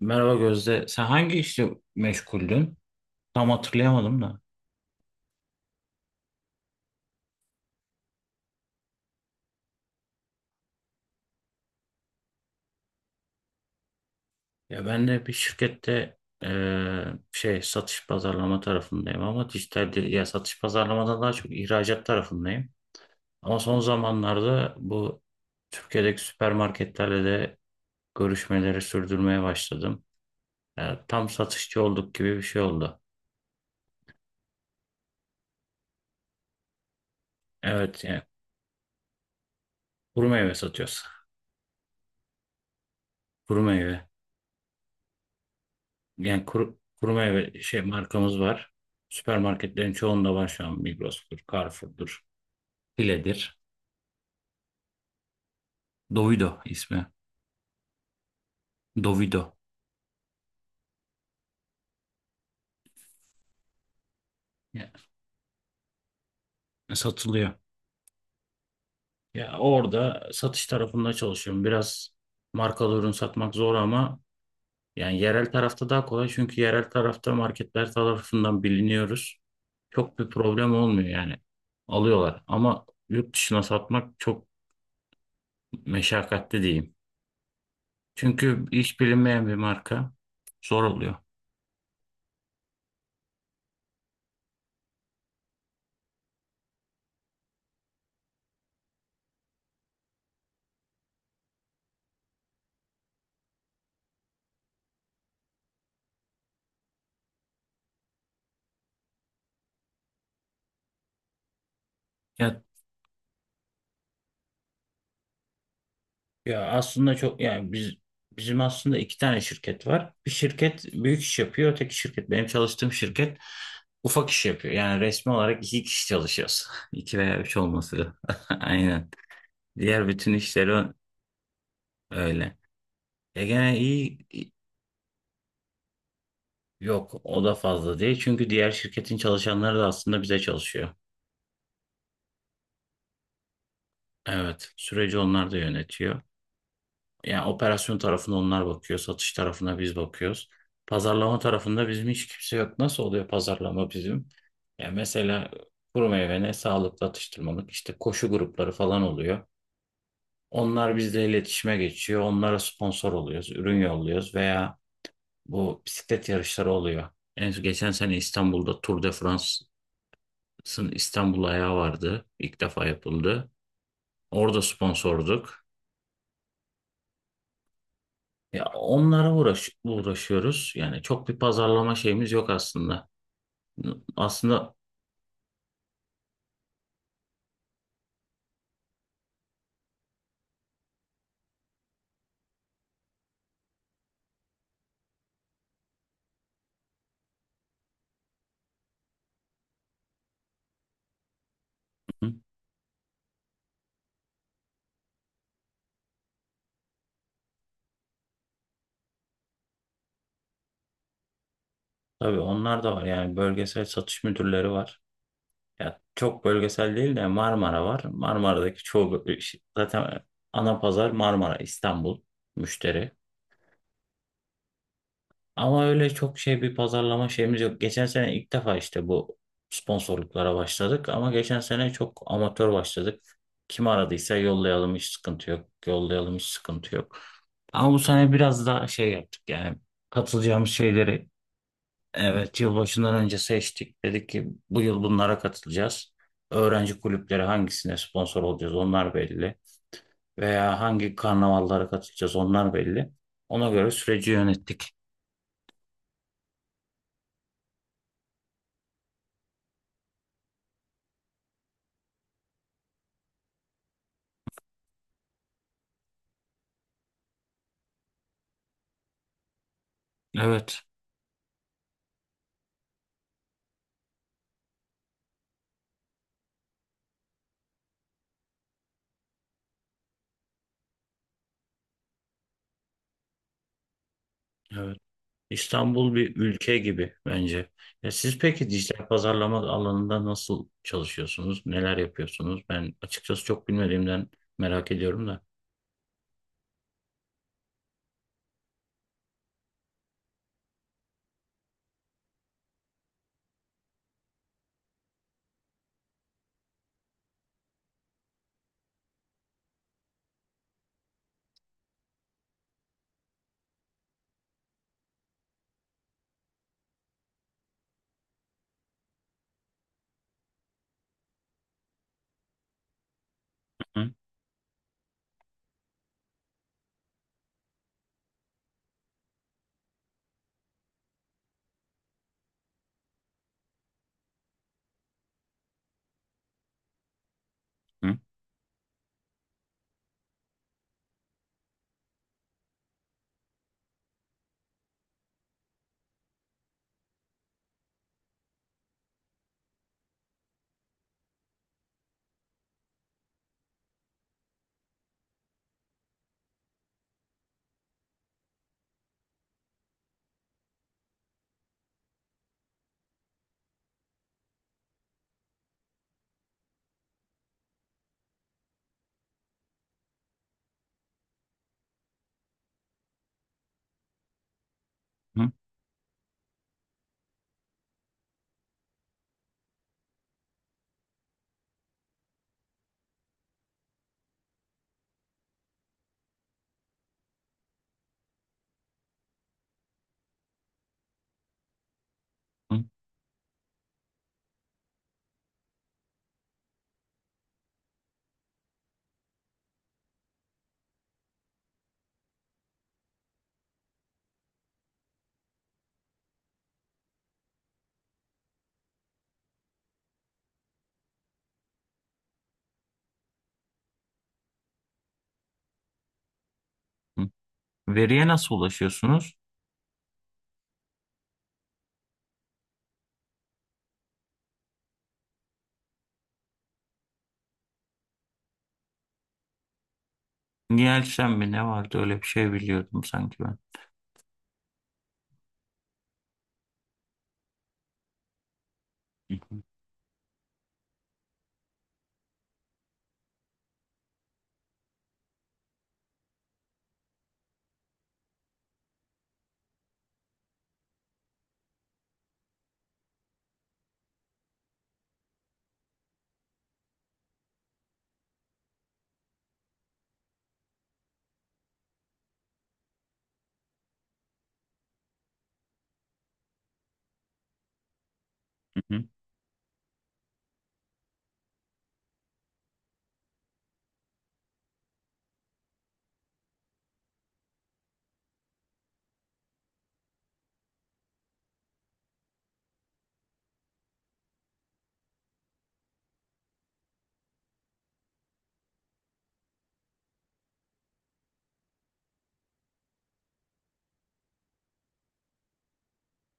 Merhaba Gözde. Sen hangi işle meşguldün? Tam hatırlayamadım da. Ya ben de bir şirkette şey satış pazarlama tarafındayım ama dijital değil- ya satış pazarlamadan daha çok ihracat tarafındayım. Ama son zamanlarda bu Türkiye'deki süpermarketlerle de görüşmeleri sürdürmeye başladım. Ya tam satışçı olduk gibi bir şey oldu. Evet yani kuru meyve satıyoruz. Kuru meyve. Yani kuru meyve şey markamız var. Süpermarketlerin çoğunda var şu an Migros'tur, Carrefour'dur, File'dir. Dovido ismi. Dovido. Ya, satılıyor. Ya orada satış tarafında çalışıyorum. Biraz markalı ürün satmak zor ama yani yerel tarafta daha kolay çünkü yerel tarafta marketler tarafından biliniyoruz. Çok bir problem olmuyor yani. Alıyorlar ama yurt dışına satmak çok meşakkatli diyeyim. Çünkü hiç bilinmeyen bir marka zor oluyor. Ya, ya, aslında çok yani bizim aslında iki tane şirket var. Bir şirket büyük iş yapıyor, öteki şirket benim çalıştığım şirket ufak iş yapıyor. Yani resmi olarak iki kişi çalışıyoruz. İki veya üç olması lazım. Aynen. Diğer bütün işleri ö- öyle. E gene iyi i- yok o da fazla değil. Çünkü diğer şirketin çalışanları da aslında bize çalışıyor. Evet. Süreci onlar da yönetiyor. Yani operasyon tarafına onlar bakıyor, satış tarafına biz bakıyoruz. Pazarlama tarafında bizim hiç kimse yok. Nasıl oluyor pazarlama bizim? Ya mesela kuru meyvene sağlıklı atıştırmalık işte koşu grupları falan oluyor. Onlar bizle iletişime geçiyor. Onlara sponsor oluyoruz, ürün yolluyoruz veya bu bisiklet yarışları oluyor. En geçen sene İstanbul'da Tour de France'ın İstanbul ayağı vardı. İlk defa yapıldı. Orada sponsorduk. Ya onlara uğraşıyoruz. Yani çok bir pazarlama şeyimiz yok aslında. Aslında hı, tabii onlar da var. Yani bölgesel satış müdürleri var. Ya çok bölgesel değil de Marmara var. Marmara'daki çoğu zaten ana pazar Marmara, İstanbul müşteri. Ama öyle çok şey bir pazarlama şeyimiz yok. Geçen sene ilk defa işte bu sponsorluklara başladık ama geçen sene çok amatör başladık. Kim aradıysa yollayalım hiç sıkıntı yok. Yollayalım hiç sıkıntı yok. Ama bu sene biraz daha şey yaptık yani katılacağımız şeyleri evet yılbaşından önce seçtik. Dedik ki bu yıl bunlara katılacağız. Öğrenci kulüpleri hangisine sponsor olacağız onlar belli. Veya hangi karnavallara katılacağız onlar belli. Ona göre süreci yönettik. Evet. Evet. İstanbul bir ülke gibi bence. Ya siz peki dijital pazarlama alanında nasıl çalışıyorsunuz? Neler yapıyorsunuz? Ben açıkçası çok bilmediğimden merak ediyorum da. Hı, hı, hı, hı, hı. Veriye nasıl ulaşıyorsunuz? Nielsen mi ne vardı öyle bir şey biliyordum sanki ben. Hı, hı, hı, hı.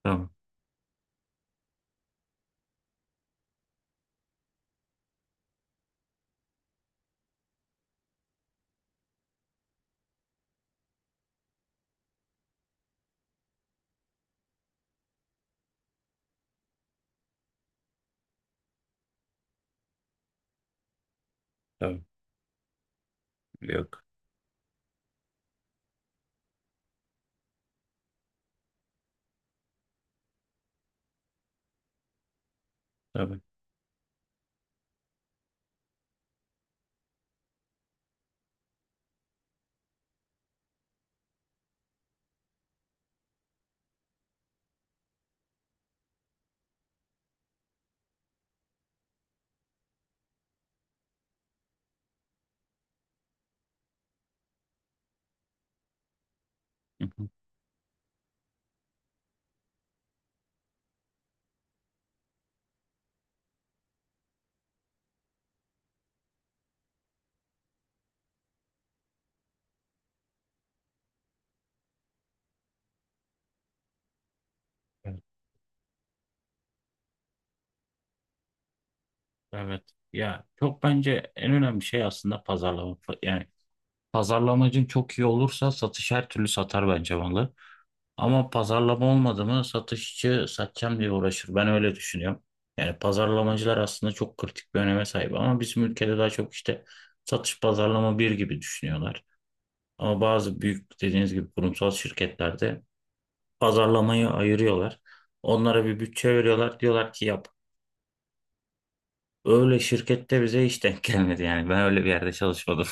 Tamam, tamam. Yok. Tabii. Hı, hı. Evet. Evet. Ya çok bence en önemli şey aslında pazarlama. Yani pazarlamacın çok iyi olursa satış her türlü satar bence malı. Ama pazarlama olmadı mı satışçı satacağım diye uğraşır. Ben öyle düşünüyorum. Yani pazarlamacılar aslında çok kritik bir öneme sahip ama bizim ülkede daha çok işte satış pazarlama bir gibi düşünüyorlar. Ama bazı büyük dediğiniz gibi kurumsal şirketlerde pazarlamayı ayırıyorlar. Onlara bir bütçe veriyorlar. Diyorlar ki yap. Öyle şirkette bize hiç denk gelmedi yani. Ben öyle bir yerde çalışmadım.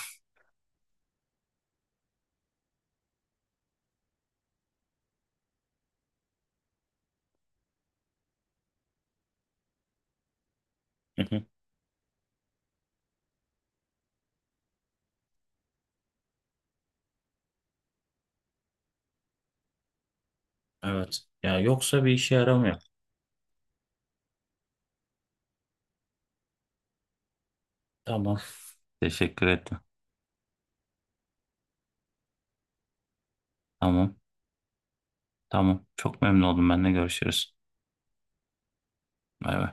Evet. Ya yoksa bir işe yaramıyor. Tamam. Teşekkür ettim. Tamam. Tamam. Çok memnun oldum. Benle görüşürüz. Bay bay.